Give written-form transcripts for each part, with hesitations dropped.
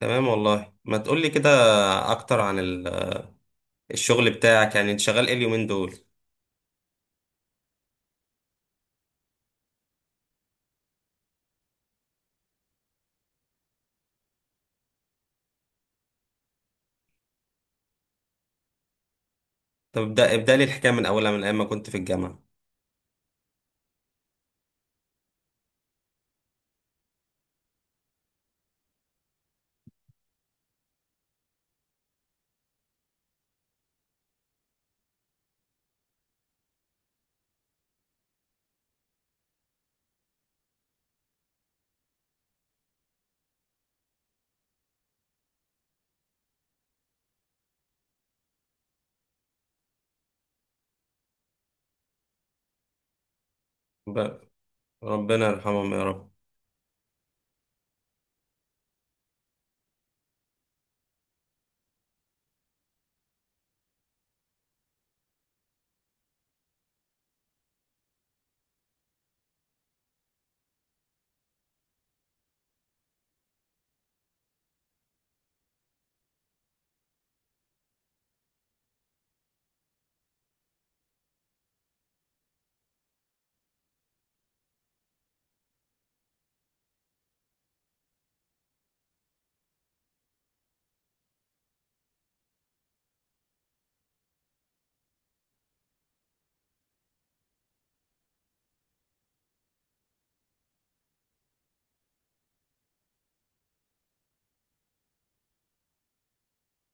تمام والله ما تقولي كده اكتر عن الشغل بتاعك. يعني انت شغال ايه اليومين دول؟ طب ابدا لي الحكايه من اولها، من ايام ما كنت في الجامعه. ب... ربنا يرحمهم يا رب.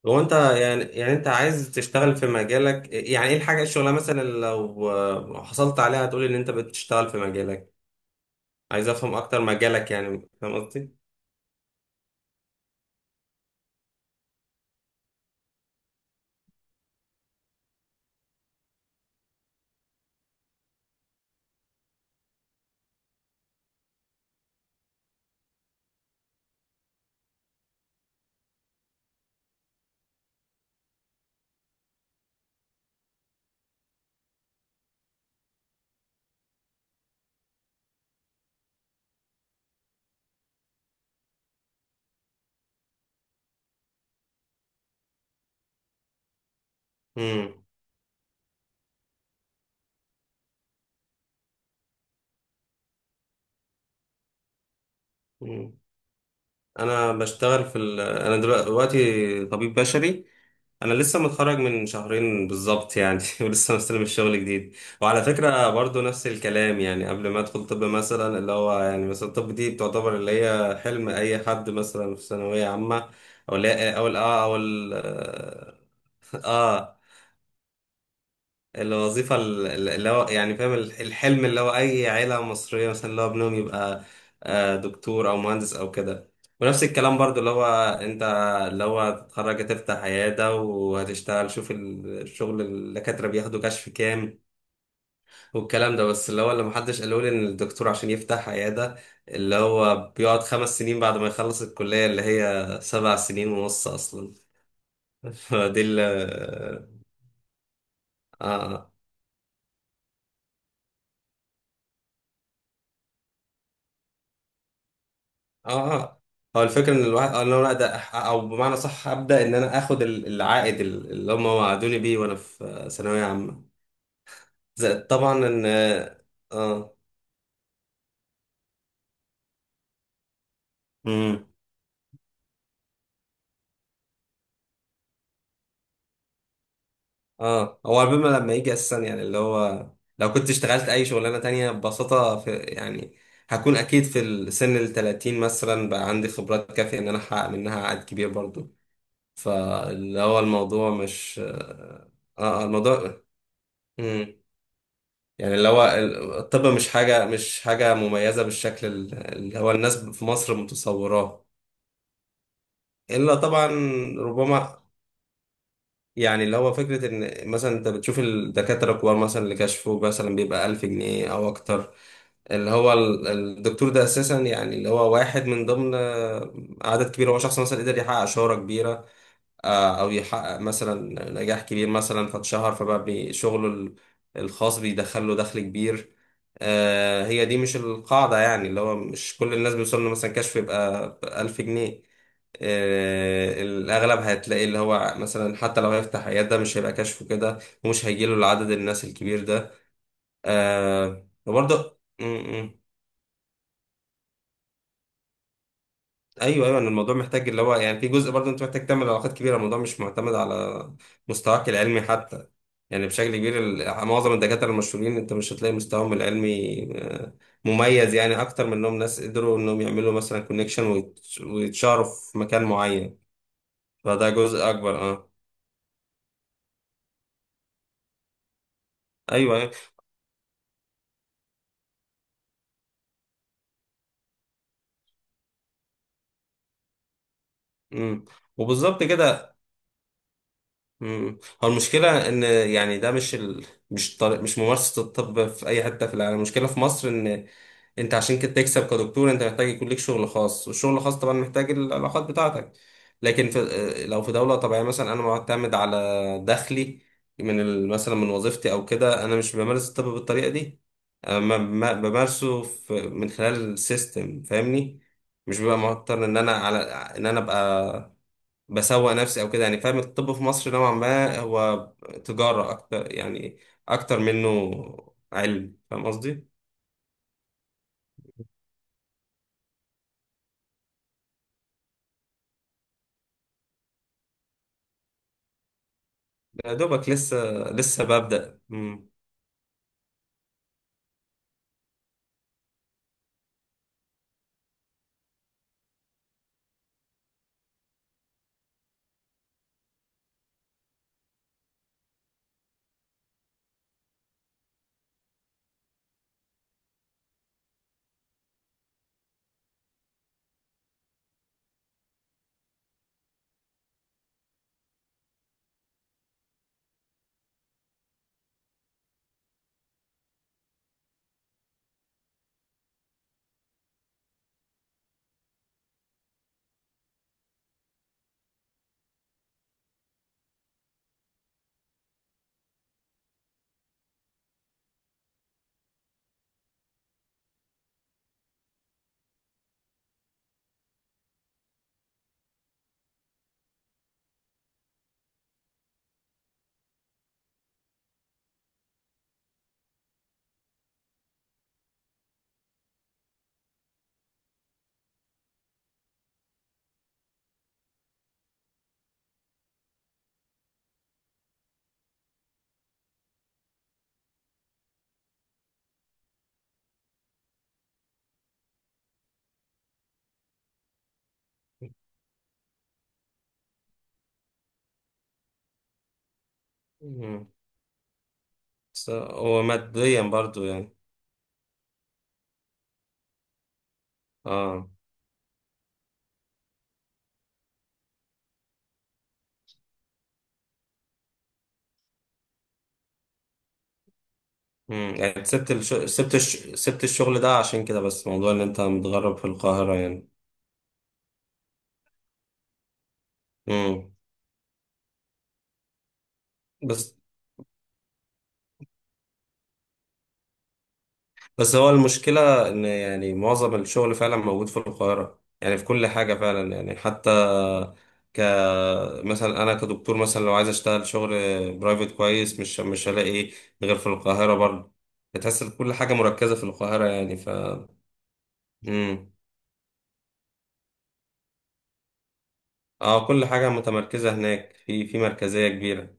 هو انت يعني، انت عايز تشتغل في مجالك؟ يعني ايه الحاجه، الشغله مثلا، اللي لو حصلت عليها هتقولي ان انت بتشتغل في مجالك؟ عايز افهم اكتر مجالك، يعني فاهم قصدي. امم امم. انا بشتغل في انا دلوقتي طبيب بشري. انا لسه متخرج من شهرين بالظبط يعني ولسه مستلم الشغل جديد. وعلى فكره برضو نفس الكلام، يعني قبل ما ادخل طب مثلا، اللي هو يعني مثلا الطب دي بتعتبر اللي هي حلم اي حد مثلا في ثانويه عامه. او لا او ال- اه او ال- اه، الوظيفة اللي هو يعني فاهم الحلم، اللي هو أي عيلة مصرية مثلا اللي هو ابنهم يبقى دكتور أو مهندس أو كده. ونفس الكلام برضو اللي هو أنت اللي هو هتتخرج، هتفتح عيادة وهتشتغل، شوف الشغل الدكاترة بياخدوا كشف كام. والكلام ده، بس اللي هو اللي محدش قاله لي إن الدكتور عشان يفتح عيادة اللي هو بيقعد خمس سنين بعد ما يخلص الكلية اللي هي سبع سنين ونص أصلا. فدي ال آه آه. اه اه، هو الفكره ان الواحد، ان انا ابدا او بمعنى صح ابدا ان انا اخد العائد اللي هم وعدوني بيه وانا في ثانويه عامه، زائد طبعا ان، اه، امم. اه هو لما يجي اساسا، يعني اللي هو لو كنت اشتغلت اي شغلانه تانية ببساطه، في يعني هكون اكيد في السن ال 30 مثلا بقى عندي خبرات كافيه ان انا احقق منها عائد كبير برضو. فاللي هو الموضوع مش اه، الموضوع يعني اللي هو الطب مش حاجة مميزة بالشكل اللي هو الناس في مصر متصوراه. إلا طبعا ربما، يعني اللي هو فكرة إن مثلا أنت بتشوف الدكاترة الكبار مثلا اللي كشفه مثلا بيبقى ألف جنيه أو أكتر، اللي هو الدكتور ده أساسا يعني اللي هو واحد من ضمن عدد كبير. هو شخص مثلا قدر يحقق شهرة كبيرة، او يحقق مثلا نجاح كبير مثلا فاتشهر، فبقى شغله الخاص بيدخل له دخل كبير. هي دي مش القاعدة، يعني اللي هو مش كل الناس بيوصل له مثلا كشف يبقى ألف جنيه. الأغلب هتلاقي اللي هو مثلا حتى لو هيفتح عيادة ده مش هيبقى كشفه كده، ومش هيجيله العدد الناس الكبير ده. وبرضه ايوه، ايوه، ان الموضوع محتاج اللي هو يعني في جزء برضه انت محتاج تعمل علاقات كبيره. الموضوع مش معتمد على مستواك العلمي حتى، يعني بشكل كبير معظم الدكاتره المشهورين انت مش هتلاقي مستواهم العلمي مميز، يعني اكتر من انهم ناس قدروا انهم يعملوا مثلا كونكشن ويتشهروا في مكان معين. فده جزء اكبر، اه. ايوه ايوه. امم، وبالظبط كده. امم، هو المشكله ان يعني ده مش ال... مش طريق... مش ممارسه الطب في اي حته في العالم. المشكله في مصر ان انت عشان كده تكسب كدكتور انت محتاج يكون ليك شغل خاص، والشغل الخاص طبعا محتاج العلاقات بتاعتك. لكن في... لو في دوله طبيعيه مثلا انا معتمد على دخلي من مثلا من وظيفتي او كده، انا مش بمارس الطب بالطريقه دي. أنا ما... ما... بمارسه في... من خلال السيستم، فاهمني؟ مش ببقى مضطر ان انا على، ان انا ابقى بسوق نفسي او كده. يعني فاهم، الطب في مصر نوعا ما هو تجارة اكتر يعني، اكتر منه علم، فاهم قصدي؟ يا دوبك لسه، لسه ببدأ. امم، امم. بس هو ماديا برضو يعني. اه، امم. يعني سبت الشغل ده عشان كده، بس موضوع ان انت متغرب في القاهرة يعني. امم. بس بس هو المشكلة ان يعني معظم الشغل فعلا موجود في القاهرة يعني، في كل حاجة فعلا يعني. حتى ك مثلا انا كدكتور مثلا لو عايز اشتغل شغل برايفت كويس مش هلاقي إيه غير في القاهره برضه. بتحس إن كل حاجه مركزه في القاهره يعني. امم، اه، كل حاجه متمركزه هناك، في في مركزيه كبيره.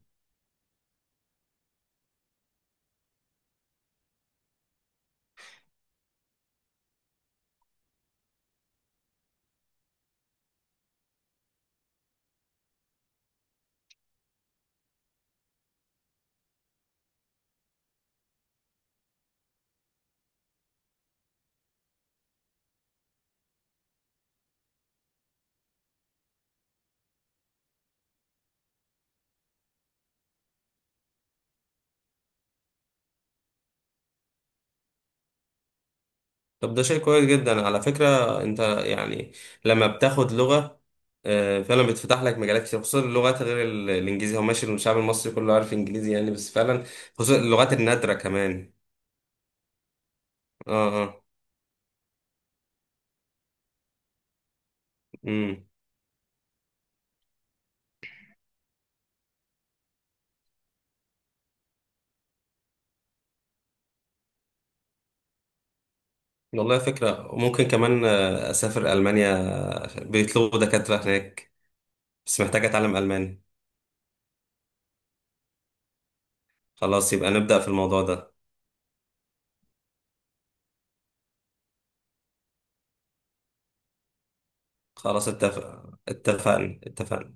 طب ده شيء كويس جدا على فكره. انت يعني لما بتاخد لغه، فعلا بتفتح لك مجالات كتير، خصوصا اللغات غير الانجليزي هو ماشي، الشعب المصري كله عارف انجليزي يعني، بس فعلا خصوصا اللغات النادره كمان. اه اه. امم، والله فكرة. وممكن كمان أسافر ألمانيا، بيطلبوا دكاترة هناك. بس محتاج أتعلم ألماني. خلاص يبقى نبدأ في الموضوع ده. خلاص اتفق، اتفقنا اتفقنا.